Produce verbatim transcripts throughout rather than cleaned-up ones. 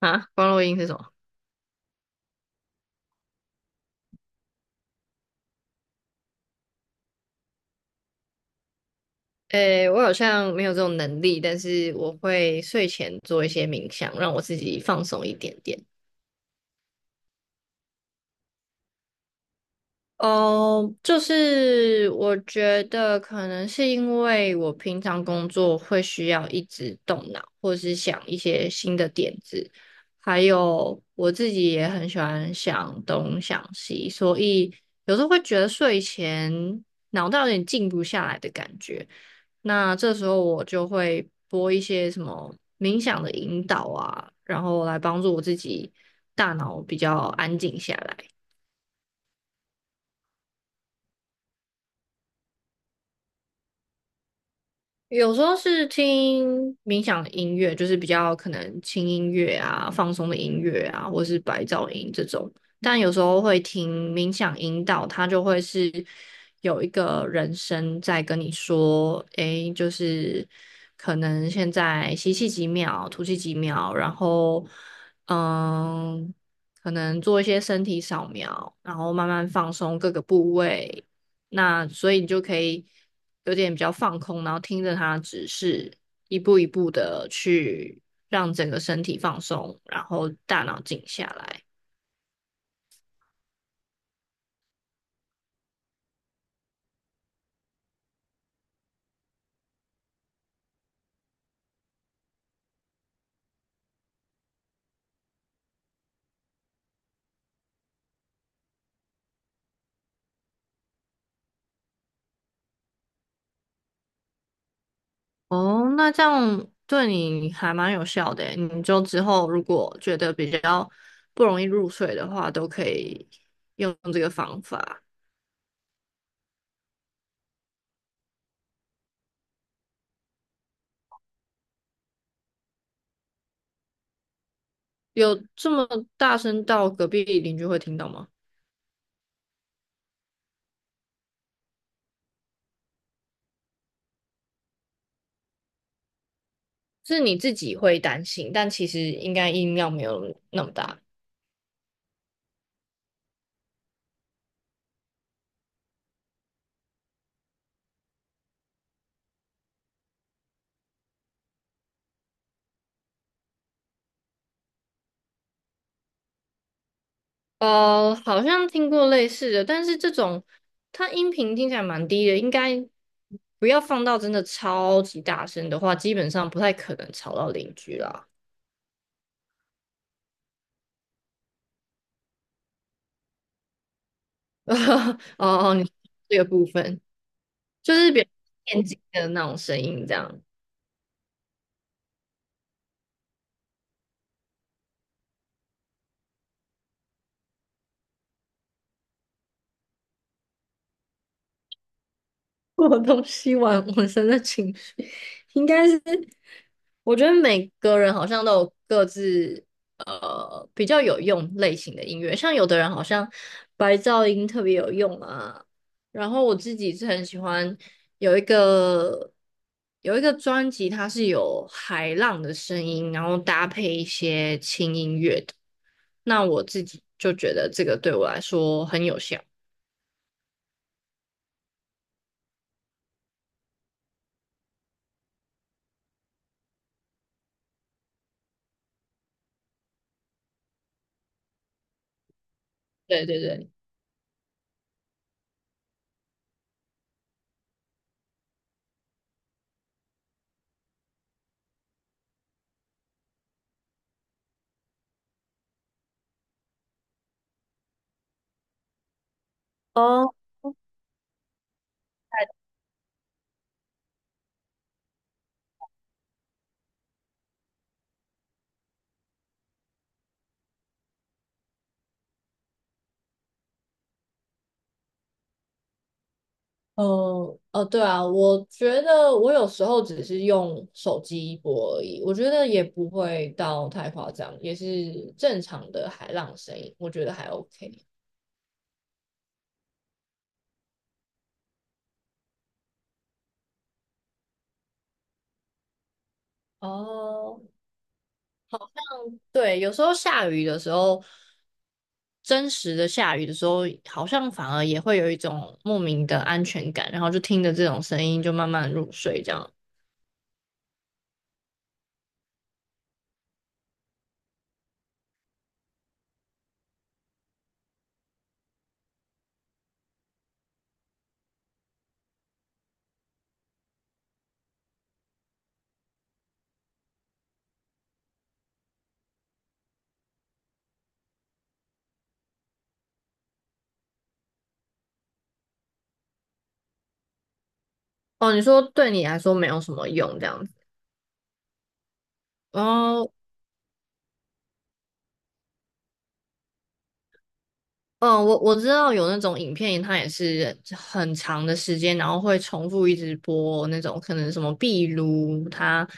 啊，光落音是什么？诶，我好像没有这种能力，但是我会睡前做一些冥想，让我自己放松一点点。哦，就是我觉得可能是因为我平常工作会需要一直动脑，或是想一些新的点子，还有我自己也很喜欢想东想西，所以有时候会觉得睡前脑袋有点静不下来的感觉。那这时候我就会播一些什么冥想的引导啊，然后来帮助我自己大脑比较安静下来。有时候是听冥想的音乐，就是比较可能轻音乐啊、放松的音乐啊，或是白噪音这种。但有时候会听冥想引导，它就会是有一个人声在跟你说，诶，就是可能现在吸气几秒，吐气几秒，然后嗯，可能做一些身体扫描，然后慢慢放松各个部位，那所以你就可以有点比较放空，然后听着它指示，一步一步的去让整个身体放松，然后大脑静下来。哦，那这样对你还蛮有效的诶你就之后如果觉得比较不容易入睡的话，都可以用这个方法。有这么大声到隔壁邻居会听到吗？是你自己会担心，但其实应该音量没有那么大。呃，好像听过类似的，但是这种它音频听起来蛮低的，应该不要放到真的超级大声的话，基本上不太可能吵到邻居啦。哦哦，你这个部分就是比较电竞的那种声音，这样。我东西玩浑身 的情绪，应该是我觉得每个人好像都有各自呃比较有用类型的音乐，像有的人好像白噪音特别有用啊，然后我自己是很喜欢有一个有一个专辑，它是有海浪的声音，然后搭配一些轻音乐的，那我自己就觉得这个对我来说很有效。对对对。哦呃呃，对啊，我觉得我有时候只是用手机播而已，我觉得也不会到太夸张，也是正常的海浪声音，我觉得还 OK。哦，对，有时候下雨的时候，真实的下雨的时候，好像反而也会有一种莫名的安全感，然后就听着这种声音就慢慢入睡这样。哦，你说对你来说没有什么用这样子。哦，嗯，我我知道有那种影片，它也是很长的时间，然后会重复一直播那种可能什么壁炉它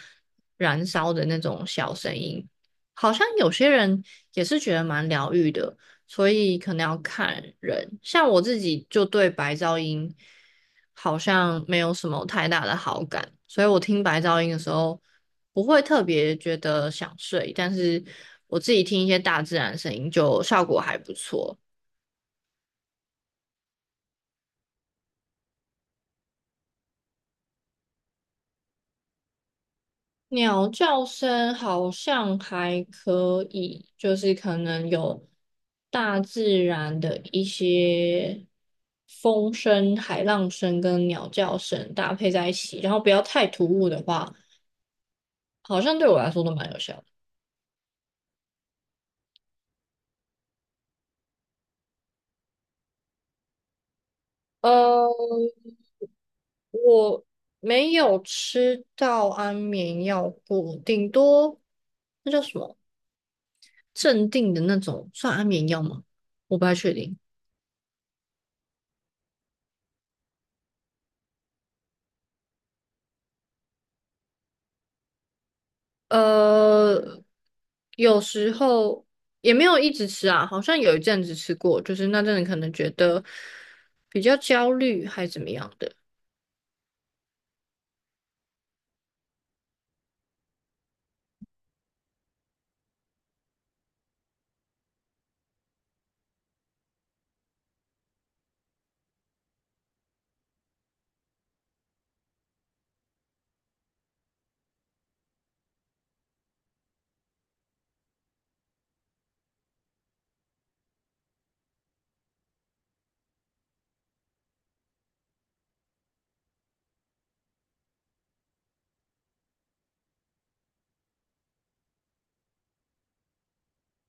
燃烧的那种小声音，好像有些人也是觉得蛮疗愈的，所以可能要看人。像我自己就对白噪音好像没有什么太大的好感，所以我听白噪音的时候不会特别觉得想睡，但是我自己听一些大自然声音就效果还不错。鸟叫声好像还可以，就是可能有大自然的一些风声、海浪声跟鸟叫声搭配在一起，然后不要太突兀的话，好像对我来说都蛮有效的。呃，我没有吃到安眠药过，顶多那叫什么镇定的那种，算安眠药吗？我不太确定。呃，有时候也没有一直吃啊，好像有一阵子吃过，就是那阵子可能觉得比较焦虑还怎么样的。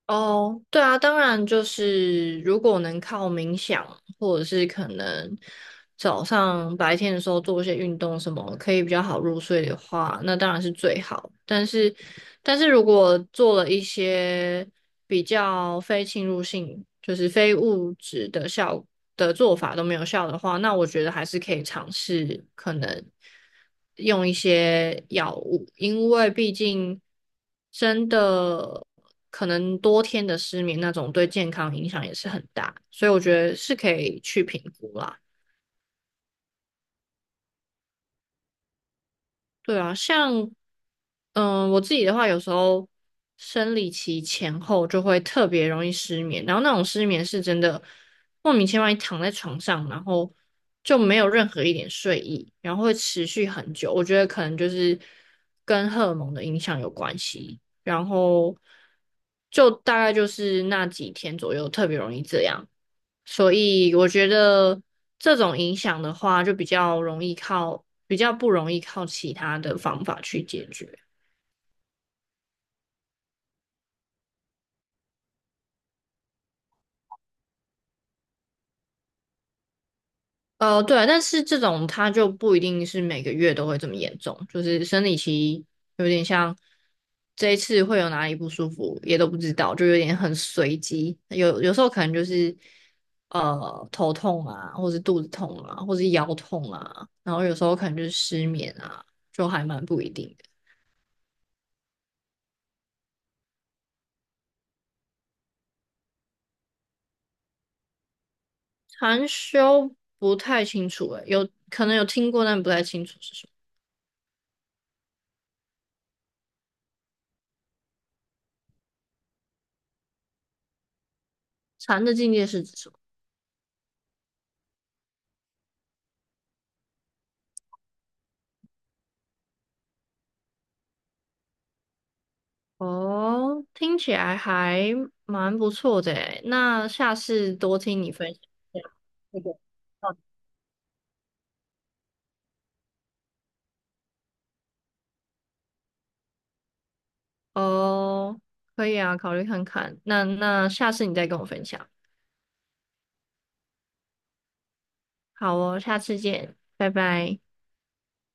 哦，对啊，当然就是如果能靠冥想，或者是可能早上白天的时候做一些运动什么，可以比较好入睡的话，那当然是最好。但是，但是如果做了一些比较非侵入性，就是非物质的效的做法都没有效的话，那我觉得还是可以尝试可能用一些药物，因为毕竟。真的可能多天的失眠那种，对健康影响也是很大，所以我觉得是可以去评估啦。对啊，像嗯，我自己的话，有时候生理期前后就会特别容易失眠，然后那种失眠是真的莫名其妙，你躺在床上，然后就没有任何一点睡意，然后会持续很久。我觉得可能就是跟荷尔蒙的影响有关系，然后就大概就是那几天左右特别容易这样。所以我觉得这种影响的话，就比较容易靠，比较不容易靠其他的方法去解决。呃，对啊，但是这种它就不一定是每个月都会这么严重，就是生理期有点像这一次会有哪里不舒服也都不知道，就有点很随机。有有时候可能就是呃头痛啊，或是肚子痛啊，或是腰痛啊，然后有时候可能就是失眠啊，就还蛮不一定的。禅修不太清楚诶，有可能有听过，但不太清楚是什么。禅的境界是指什么？哦，听起来还蛮不错的诶，那下次多听你分享一下那个。嗯哦，可以啊，考虑看看。那那下次你再跟我分享。好哦，下次见，拜拜。